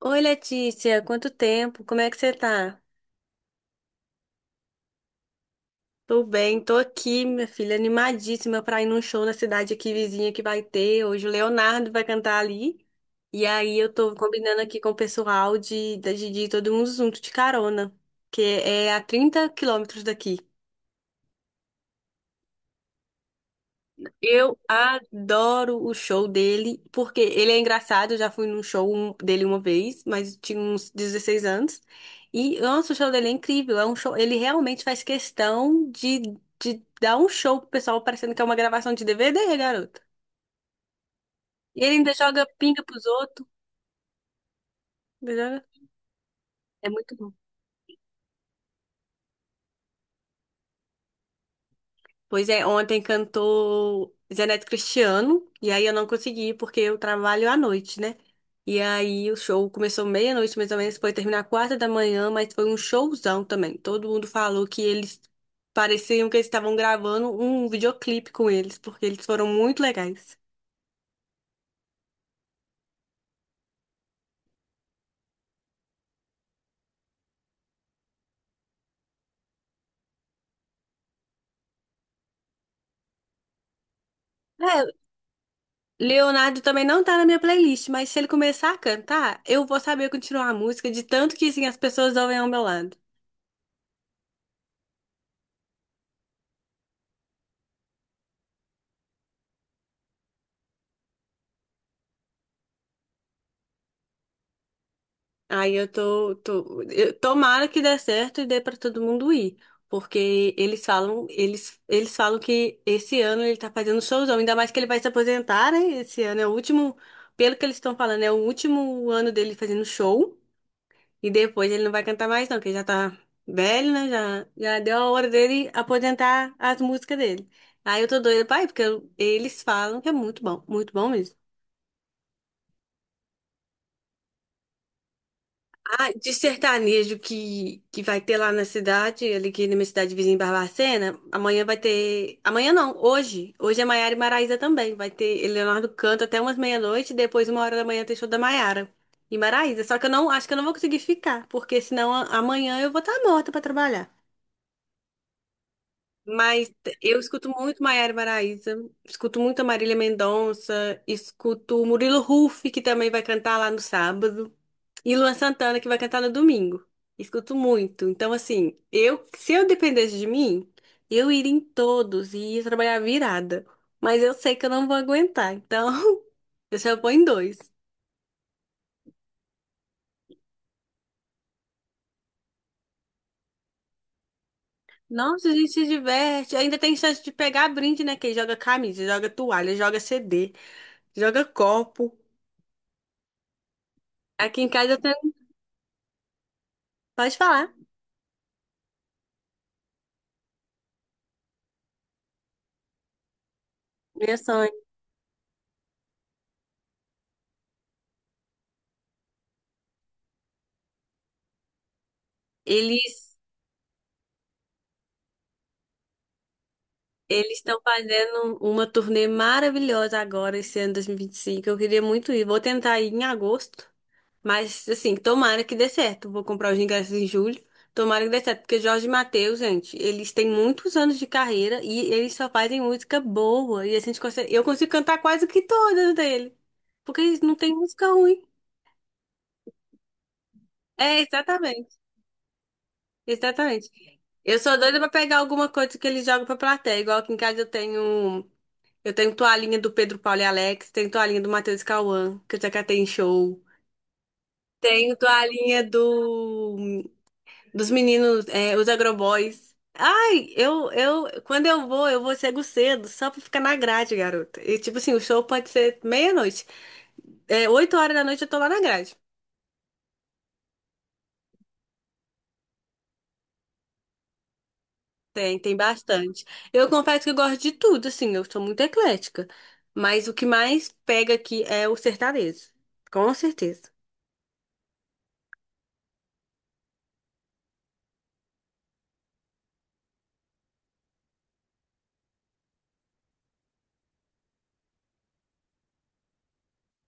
Oi, Letícia, quanto tempo? Como é que você tá? Tô bem, tô aqui, minha filha, animadíssima pra ir num show na cidade aqui vizinha que vai ter. Hoje o Leonardo vai cantar ali. E aí eu tô combinando aqui com o pessoal de ir todo mundo junto de carona, que é a 30 quilômetros daqui. Eu adoro o show dele, porque ele é engraçado. Eu já fui num dele uma vez, mas eu tinha uns 16 anos. E, nossa, o show dele é incrível. É um show, ele realmente faz questão de dar um show pro pessoal, parecendo que é uma gravação de DVD, garoto. E ele ainda joga pinga pros outros. Ainda joga- É muito. Pois é, ontem cantou Zeneto Cristiano, e aí eu não consegui porque eu trabalho à noite, né? E aí o show começou meia-noite mais ou menos, foi terminar quatro da manhã, mas foi um showzão também. Todo mundo falou que eles pareciam que eles estavam gravando um videoclipe com eles, porque eles foram muito legais. É, Leonardo também não tá na minha playlist, mas se ele começar a cantar, eu vou saber continuar a música de tanto que assim, as pessoas ouvem ao meu lado. Aí eu tomara que dê certo e dê pra todo mundo ir, porque eles falam que esse ano ele tá fazendo showzão, ainda mais que ele vai se aposentar, né? Esse ano é o último, pelo que eles estão falando, é o último ano dele fazendo show e depois ele não vai cantar mais não, porque ele já tá velho, né? Já deu a hora dele aposentar as músicas dele. Aí eu tô doida pra ir, porque eles falam que é muito bom mesmo. Ah, de sertanejo que vai ter lá na cidade, ali que na minha cidade vizinha em Barbacena, amanhã vai ter. Amanhã não, hoje. Hoje é Maiara e Maraísa também. Vai ter Leonardo canta até umas meia-noite, depois, uma hora da manhã, tem show da Maiara e Maraísa. Só que eu não acho que eu não vou conseguir ficar, porque senão amanhã eu vou estar morta pra trabalhar. Mas eu escuto muito Maiara e Maraísa, escuto muito a Marília Mendonça, escuto o Murilo Huff, que também vai cantar lá no sábado. E Luan Santana, que vai cantar no domingo. Escuto muito. Então, assim, eu, se eu dependesse de mim, eu iria em todos e ia trabalhar virada. Mas eu sei que eu não vou aguentar. Então, eu só vou em dois. Nossa, a gente se diverte. Ainda tem chance de pegar brinde, né? Que joga camisa, joga toalha, joga CD, joga copo. Aqui em casa eu tenho... Pode falar. Meu sonho. Eles eles estão fazendo uma turnê maravilhosa agora, esse ano 2025. Eu queria muito ir. Vou tentar ir em agosto, mas assim, tomara que dê certo. Vou comprar os ingressos em julho. Tomara que dê certo, porque Jorge e Mateus, gente, eles têm muitos anos de carreira e eles só fazem música boa. E eu consigo cantar quase que todas dele, porque eles não têm música ruim. É, exatamente. Exatamente. Eu sou doida pra pegar alguma coisa que eles jogam pra plateia. Igual aqui em casa eu tenho. Eu tenho toalhinha do Pedro Paulo e Alex, tenho toalhinha do Matheus e Cauã, que eu já catei em show. Tenho toalhinha do dos meninos, é, os Agroboys. Ai, quando eu vou cego cedo, só pra ficar na grade, garota. E tipo assim, o show pode ser meia-noite. É, oito horas da noite eu tô lá na grade. Tem bastante. Eu confesso que eu gosto de tudo, assim, eu sou muito eclética. Mas o que mais pega aqui é o sertanejo. Com certeza.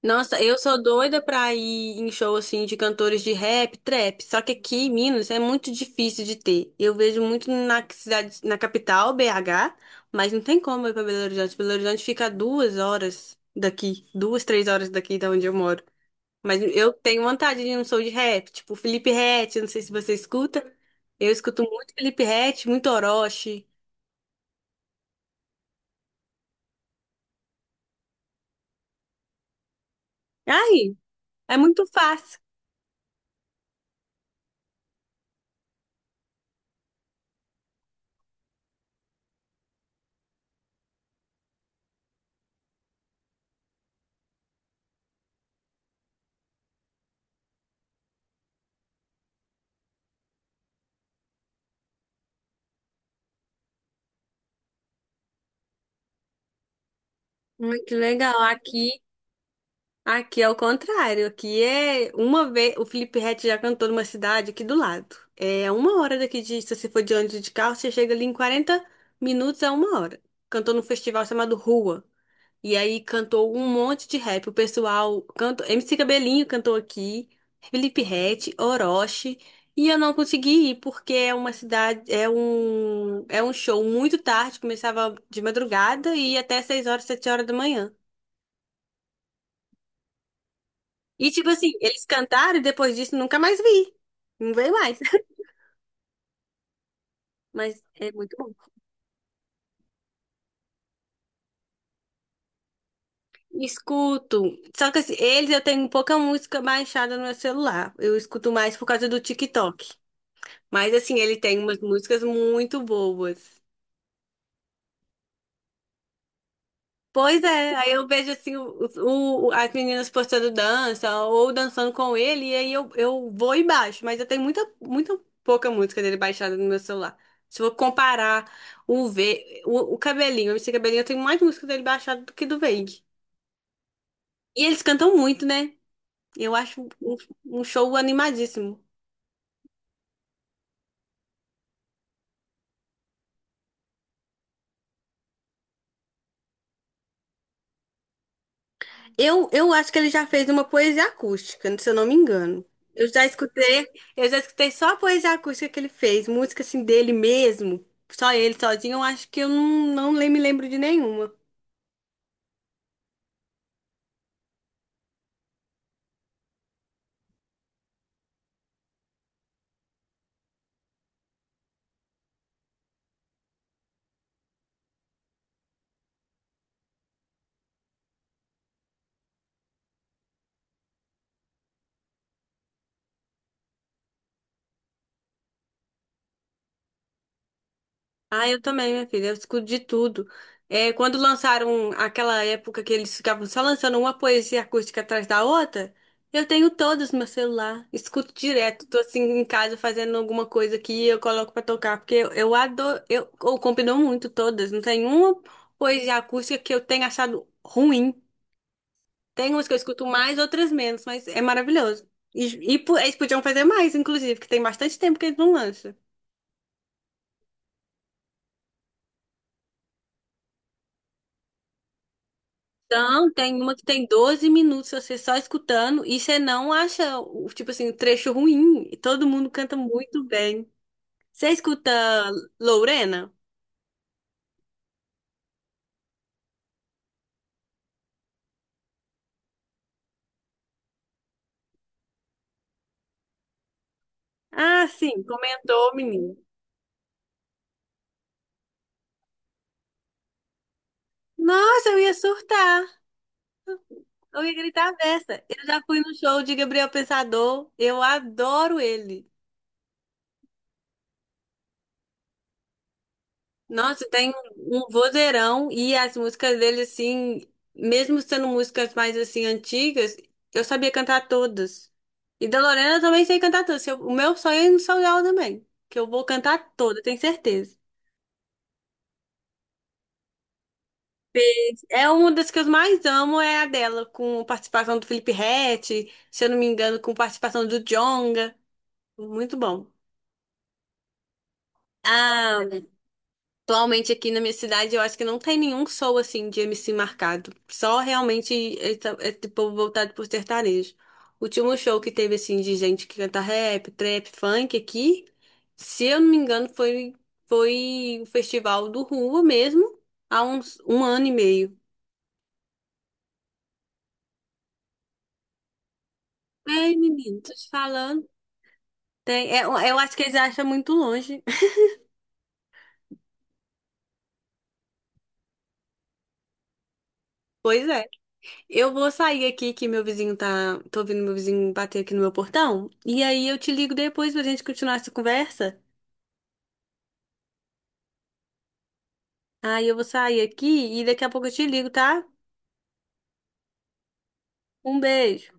Nossa, eu sou doida pra ir em show assim de cantores de rap, trap. Só que aqui em Minas é muito difícil de ter. Eu vejo muito na cidade, na capital, BH, mas não tem como ir pra Belo Horizonte. Belo Horizonte fica a duas horas daqui, duas, três horas daqui da onde eu moro. Mas eu tenho vontade de ir num show de rap, tipo Felipe Ret, não sei se você escuta. Eu escuto muito Felipe Ret, muito Orochi. Ai, é muito fácil. Muito legal. Aqui é o contrário, aqui é uma vez, o Felipe Ret já cantou numa cidade aqui do lado. É uma hora daqui de, se você for de ônibus e de carro, você chega ali em 40 minutos a uma hora. Cantou num festival chamado Rua. E aí cantou um monte de rap. O pessoal cantou, MC Cabelinho cantou aqui, Felipe Ret, Orochi. E eu não consegui ir porque é uma cidade, é um show muito tarde, começava de madrugada e ia até 6 horas, 7 horas da manhã. E tipo assim, eles cantaram e depois disso nunca mais vi. Não veio mais. Mas é muito bom. Escuto. Só que assim, eles eu tenho pouca música baixada no meu celular. Eu escuto mais por causa do TikTok. Mas assim, ele tem umas músicas muito boas. Pois é, aí eu vejo assim as meninas postando dança ou dançando com ele, e aí eu vou e baixo, mas eu tenho muita, muita pouca música dele baixada no meu celular. Se eu comparar o V, o Cabelinho, esse Cabelinho, eu tenho mais música dele baixada do que do Veig. E eles cantam muito, né? Eu acho um show animadíssimo. Eu acho que ele já fez uma poesia acústica, se eu não me engano. Eu já escutei, eu já escutei só a poesia acústica que ele fez, música assim dele mesmo, só ele sozinho, eu acho que eu não, não lem- me lembro de nenhuma. Ah, eu também, minha filha. Eu escuto de tudo. É, quando lançaram aquela época que eles ficavam só lançando uma poesia acústica atrás da outra, eu tenho todas no meu celular. Escuto direto. Tô assim em casa fazendo alguma coisa que eu coloco pra tocar, porque eu adoro. Eu combinou muito todas. Não tem uma poesia acústica que eu tenha achado ruim. Tem umas que eu escuto mais, outras menos, mas é maravilhoso. Eles podiam fazer mais, inclusive, que tem bastante tempo que eles não lançam. Então, tem uma que tem 12 minutos você só escutando e você não tipo assim, o trecho ruim. E todo mundo canta muito bem. Você escuta Lorena? Ah, sim, comentou o menino. Nossa, eu ia surtar. Eu ia gritar a beça. Eu já fui no show de Gabriel Pensador. Eu adoro ele. Nossa, tem um vozeirão e as músicas dele, assim, mesmo sendo músicas mais, assim, antigas, eu sabia cantar todas. E da Lorena eu também sei cantar todas. Se eu- O meu sonho é ir no São também, que eu vou cantar toda, tenho certeza. Fez. É uma das que eu mais amo, é a dela, com participação do Felipe Ret, se eu não me engano, com participação do Djonga. Muito bom. Ah, atualmente aqui na minha cidade, eu acho que não tem nenhum show assim de MC marcado. Só realmente esse povo voltado por sertanejo. O último show que teve assim de gente que canta rap, trap, funk aqui, se eu não me engano, foi o festival do Rua mesmo, há uns um ano e meio. Ei, menino, tô te falando. Tem, é, eu acho que eles acham muito longe. Pois é. Eu vou sair aqui que meu vizinho tá. Tô ouvindo meu vizinho bater aqui no meu portão. E aí eu te ligo depois pra gente continuar essa conversa. Aí eu vou sair aqui e daqui a pouco eu te ligo, tá? Um beijo.